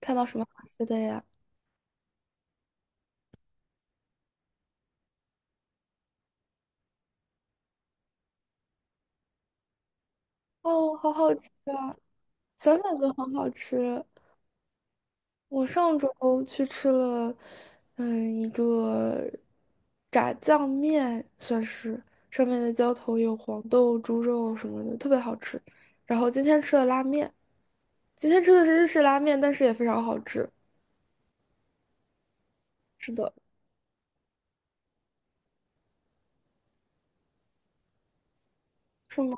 看到什么好吃的呀？哦，好好吃啊！想想就很好吃。我上周去吃了，一个炸酱面，算是上面的浇头有黄豆、猪肉什么的，特别好吃。然后今天吃了拉面，今天吃的是日式拉面，但是也非常好吃。是的，是吗？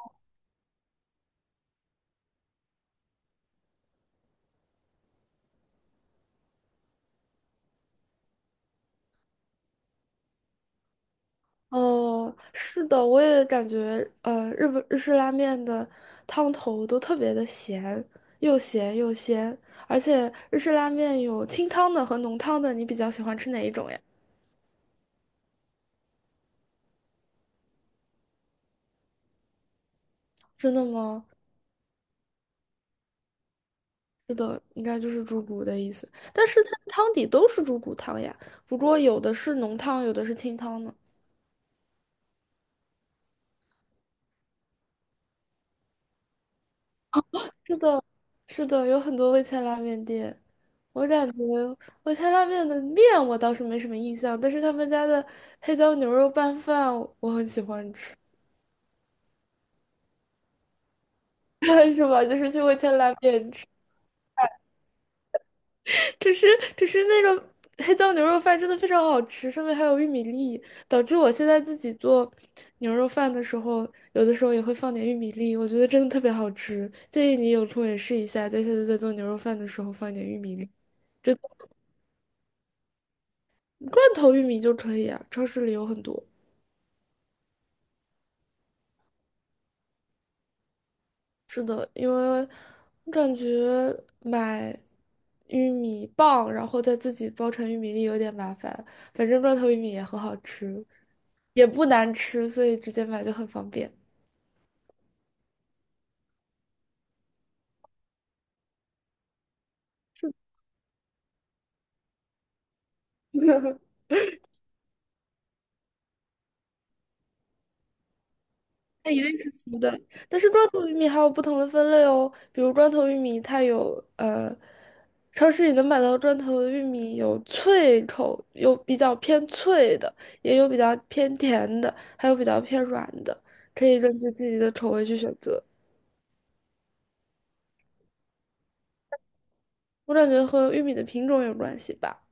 哦，是的，我也感觉，日式拉面的汤头都特别的咸，又咸又鲜，而且日式拉面有清汤的和浓汤的，你比较喜欢吃哪一种呀？真的吗？是的，应该就是猪骨的意思，但是它的汤底都是猪骨汤呀，不过有的是浓汤，有的是清汤呢。是的，是的，有很多味千拉面店。我感觉味千拉面的面我倒是没什么印象，但是他们家的黑椒牛肉拌饭我很喜欢吃，是吧？就是去味千拉面吃，只是只是那种黑椒牛肉饭真的非常好吃，上面还有玉米粒，导致我现在自己做牛肉饭的时候，有的时候也会放点玉米粒，我觉得真的特别好吃。建议你有空也试一下，在下次在做牛肉饭的时候放一点玉米粒。罐头玉米就可以啊，超市里有很多。是的，因为我感觉买玉米棒，然后再自己包成玉米粒有点麻烦。反正罐头玉米也很好吃，也不难吃，所以直接买就很方便。它一定是熟的，但是砖头玉米还有不同的分类哦，比如砖头玉米，超市里能买到砖罐头玉米有脆口，有比较偏脆的，也有比较偏甜的，还有比较偏软的，可以根据自己的口味去选择。我感觉和玉米的品种有关系吧，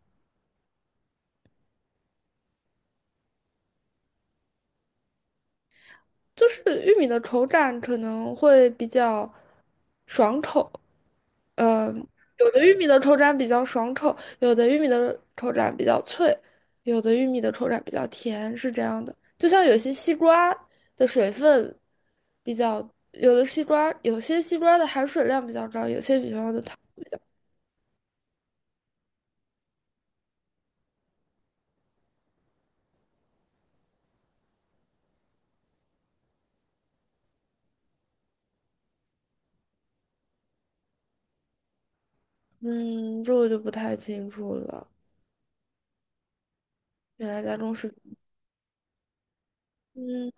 就是玉米的口感可能会比较爽口，呃，有的玉米的口感比较爽口，有的玉米的口感比较脆，有的玉米的口感比较甜，是这样的。就像有些西瓜的水分比较，有的西瓜，有些西瓜的含水量比较高，有些比方的糖，嗯，这我就不太清楚了。原来家中是，嗯，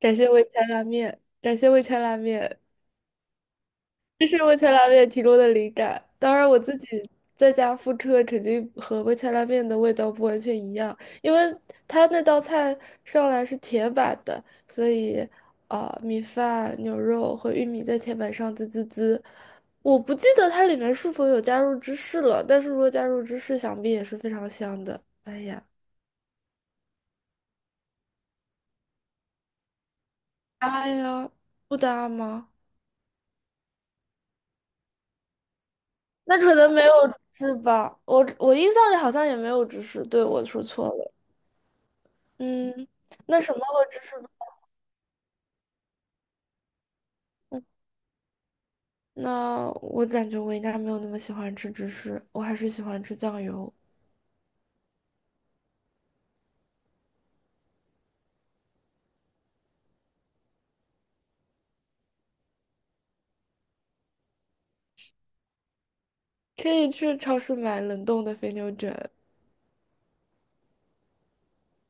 感谢味千拉面，感谢味千拉面。这是味千拉面提供的灵感。当然，我自己在家复刻肯定和味千拉面的味道不完全一样，因为它那道菜上来是铁板的，所以啊、米饭、牛肉和玉米在铁板上滋滋滋。我不记得它里面是否有加入芝士了，但是如果加入芝士，想必也是非常香的。哎呀，搭呀，不搭吗？那可能没有芝士吧，我印象里好像也没有芝士，对，我说错了。嗯，那什么和芝士呢嗯那我感觉我应该没有那么喜欢吃芝士，我还是喜欢吃酱油。可以去超市买冷冻的肥牛卷，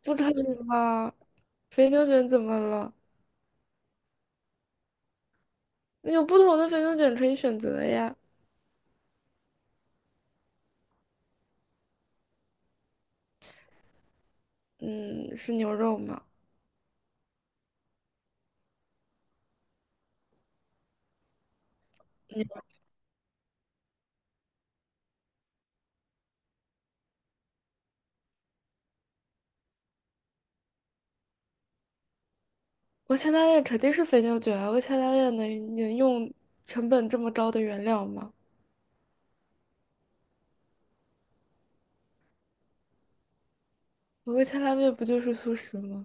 不可以吗？肥牛卷怎么了？有不同的肥牛卷可以选择呀。嗯，是牛肉吗？我前大练肯定是肥牛卷啊，我前大练能用成本这么高的原料吗？我味千拉面不就是素食吗？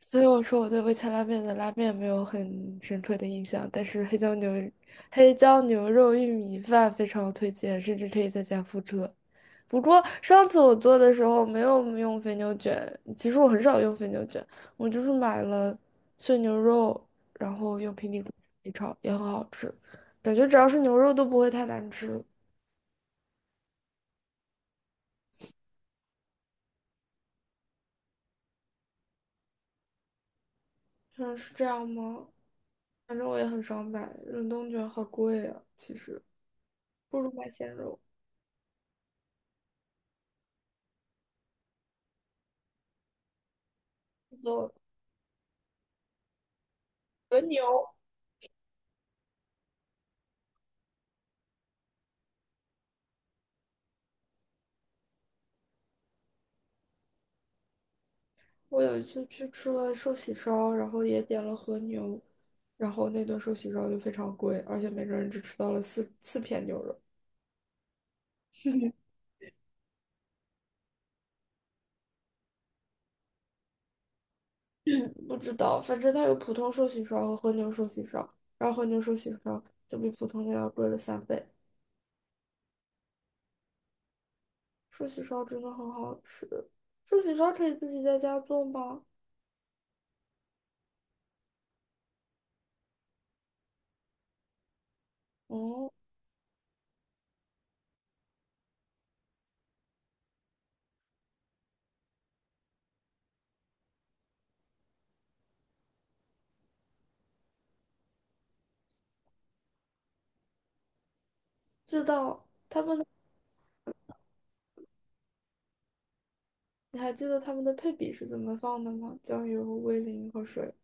所以我说我对味千拉面的拉面没有很深刻的印象，但是黑椒牛肉玉米饭非常推荐，甚至可以在家复刻。不过上次我做的时候没有用肥牛卷，其实我很少用肥牛卷，我就是买了碎牛肉，然后用平底锅一炒，也很好吃。感觉只要是牛肉都不会太难吃。嗯，是这样吗？反正我也很少买，冷冻卷好贵啊，其实不如买鲜肉。走，和牛。我有一次去吃了寿喜烧，然后也点了和牛，然后那顿寿喜烧就非常贵，而且每个人只吃到了四片牛肉。嗯不知道，反正它有普通寿喜烧和和牛寿喜烧，然后和牛寿喜烧就比普通的要贵了三倍。寿喜烧真的很好吃，寿喜烧可以自己在家做吗？哦，知道，他们的，你还记得他们的配比是怎么放的吗？酱油、味淋和水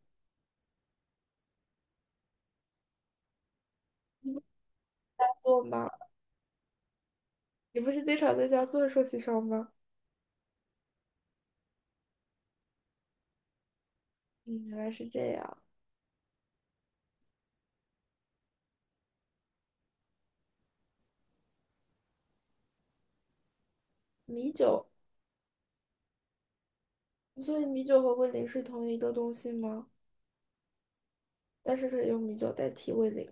做吗？你不是经常在家做寿喜烧吗？嗯，原来是这样。米酒，所以米酒和味淋是同一个东西吗？但是可以用米酒代替味淋。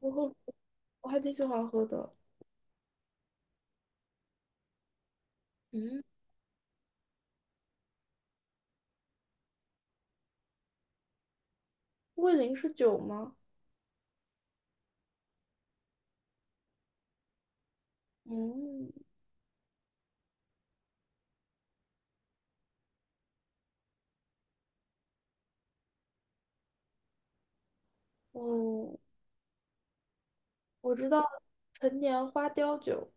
我喝，我还挺喜欢喝的。嗯，味淋是酒吗？嗯，哦，我知道陈年花雕酒，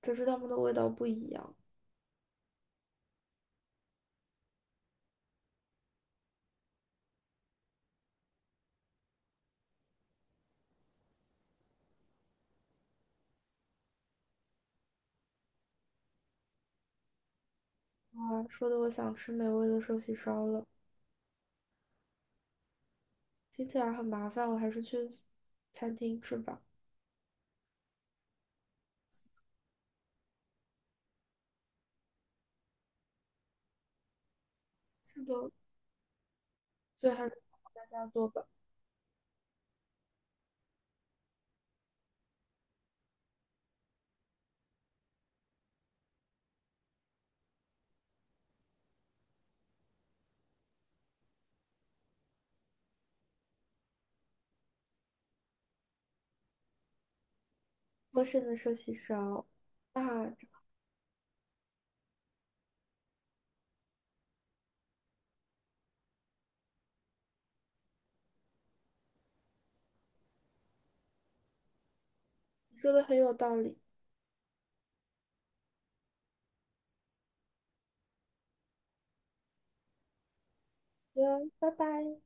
只是它们的味道不一样。啊，说的我想吃美味的寿喜烧了，听起来很麻烦，我还是去餐厅吃吧。是的，所以还是大家做吧。丰盛的寿喜烧啊，你说的很有道理。好的拜拜。